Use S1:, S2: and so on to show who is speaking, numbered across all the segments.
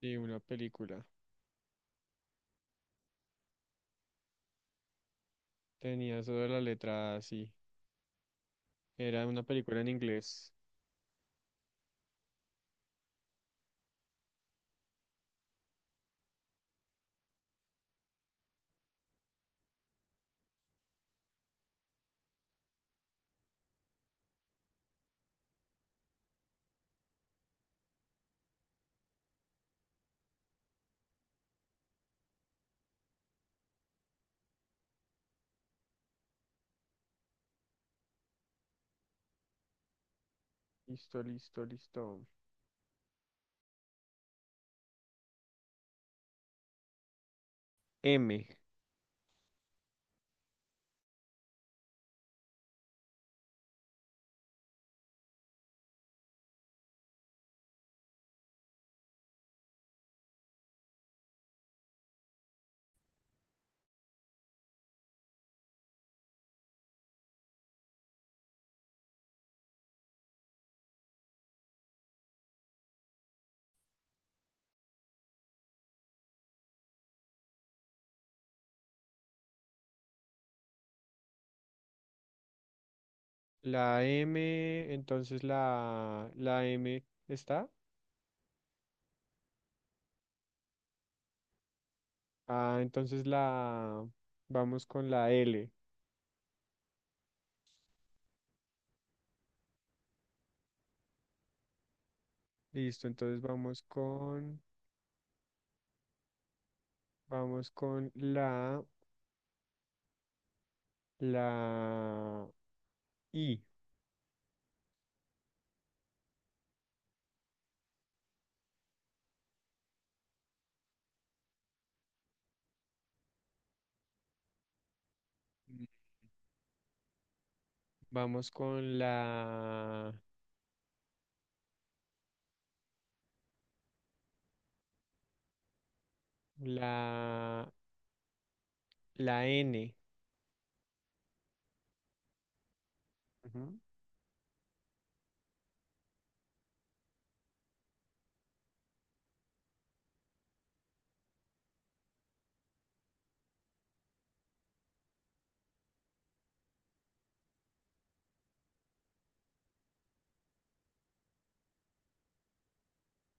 S1: Sí, una película. Tenía eso de la letra así. Era una película en inglés. Listo, listo, listo. M. La M, entonces la M está. Ah, entonces la vamos con la L. Listo, entonces vamos con la I. Mm. Vamos con la la N. Ujú.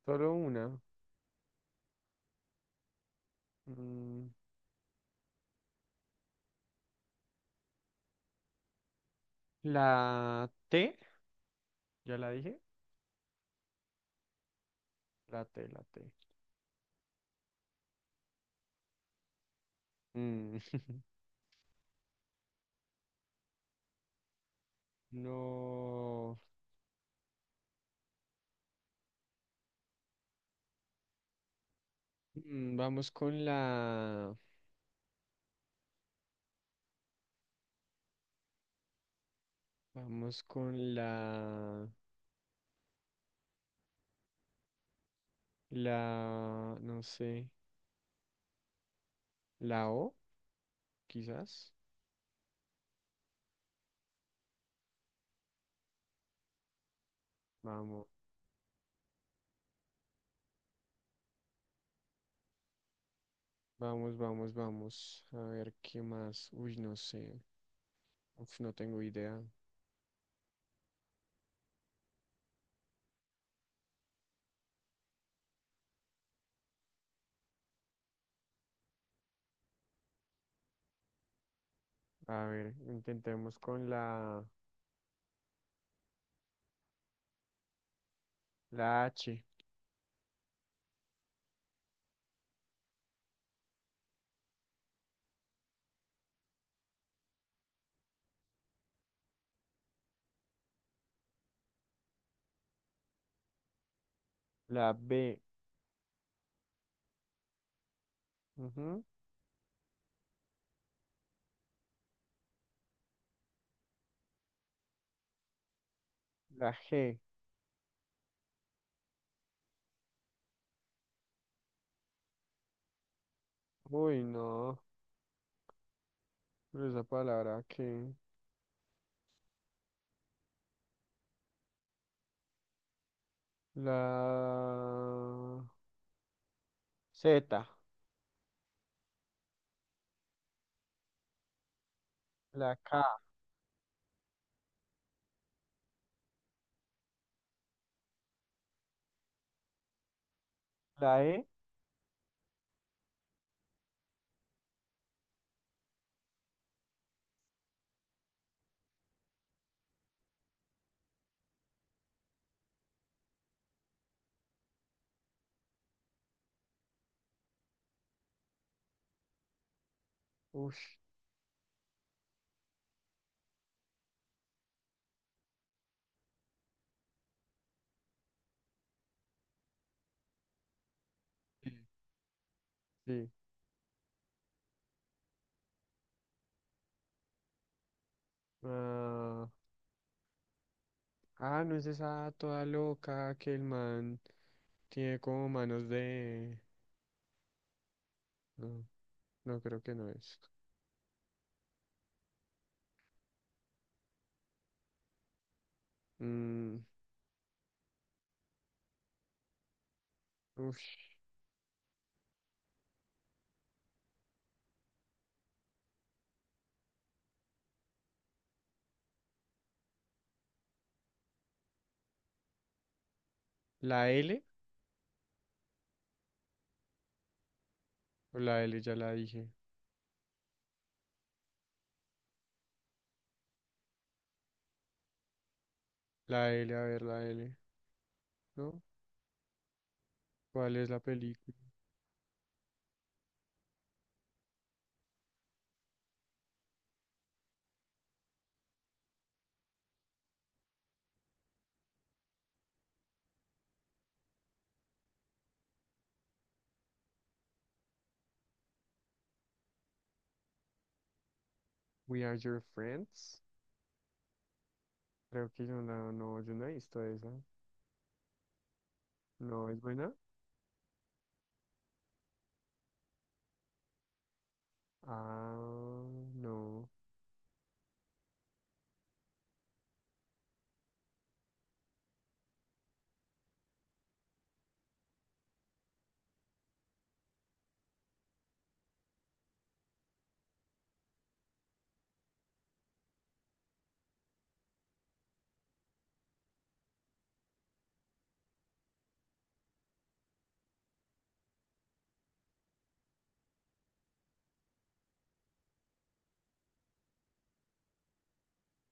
S1: Solo una. Mm, la T, ya la dije. La T. Mm, no. Vamos con la. Vamos con la. La. No sé. La O, quizás. Vamos, vamos, vamos, vamos. A ver qué más. Uy, no sé. Uf, no tengo idea. A ver, intentemos con la. La H. La B, ujú. La G. Uy, no. Pero esa palabra que. La Z. La K, la E, uff, sí. Ah, ah, no es esa toda loca que el man tiene como manos de... No, no creo que no es. Mm, ush, la L, o la L ya la dije. La L, a ver, la L, ¿no? ¿Cuál es la película? We Are Your Friends. Creo que yo no, no, yo no he visto esa. ¿No es buena? Ah, no.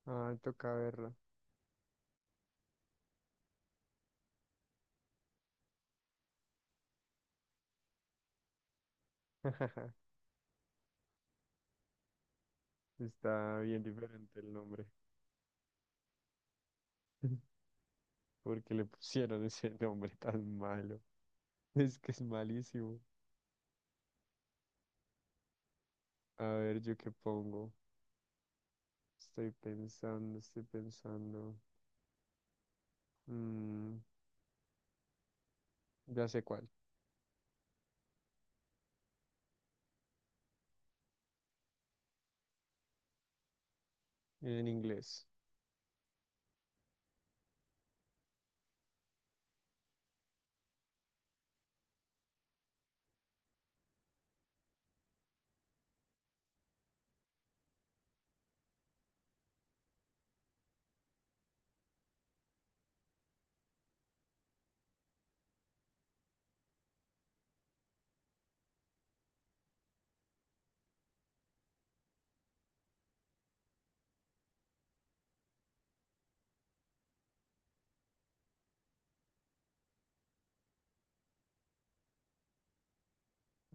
S1: Ah, toca verla. Está bien diferente el nombre. Porque le pusieron ese nombre tan malo. Es que es malísimo. A ver, ¿yo qué pongo? Estoy pensando, estoy pensando. Mm, ya sé cuál. En inglés.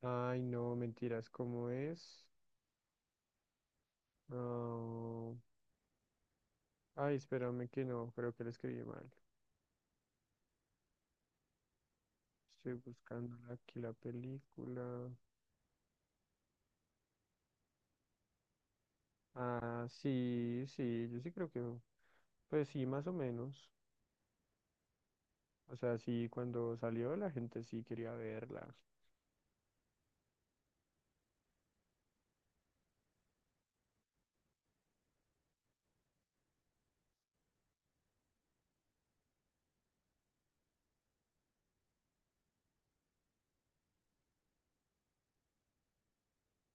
S1: Ay, no, mentiras, ¿cómo es? Ah, ay, espérame que no, creo que lo escribí mal. Estoy buscando aquí la película. Ah, sí, sí, yo sí creo que. Pues sí, más o menos. O sea, sí, cuando salió la gente sí quería verla.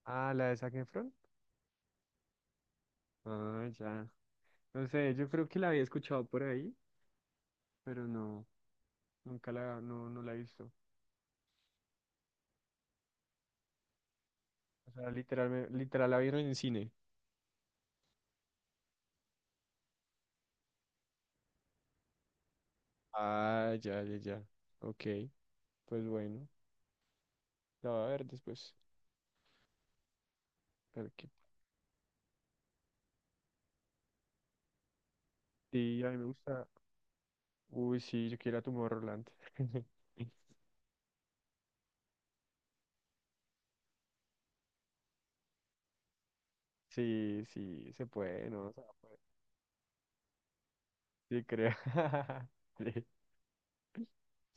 S1: Ah, la de Zac Efron. Ah, ya. No sé, yo creo que la había escuchado por ahí, pero no, nunca la, no, no la he visto. O sea, literal, literal la vieron en cine. Ah, ya, ya, ya. Ok, pues bueno, la voy a ver después. A ver qué- Sí, a mí me gusta. Uy, sí, yo quiero a Tomorrowland. Sí, sí, se puede, ¿no? O sea, pues, sí, creo. Sí,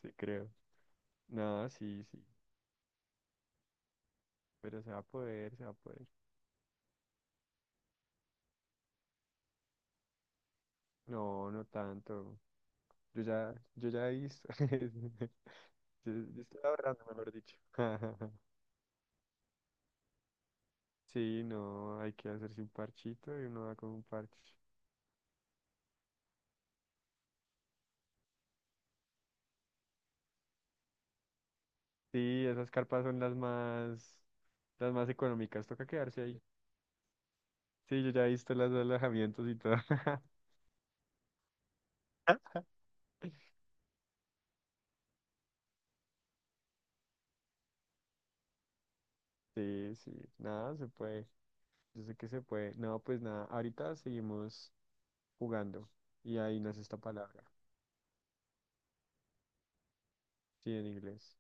S1: sí, creo. No, sí, sí. Pero se va a poder, se va a poder. No, no tanto. Yo ya hice. Yo estoy ahorrando, mejor dicho. Sí, no, hay que hacerse un parchito y uno va con un parche. Sí, esas carpas son las más económicas, toca quedarse ahí. Sí, yo ya he visto los alojamientos y todo. Sí, sí, nada, se puede. Yo sé que se puede. No, pues nada, ahorita seguimos jugando. Y ahí nace esta palabra. Sí, en inglés.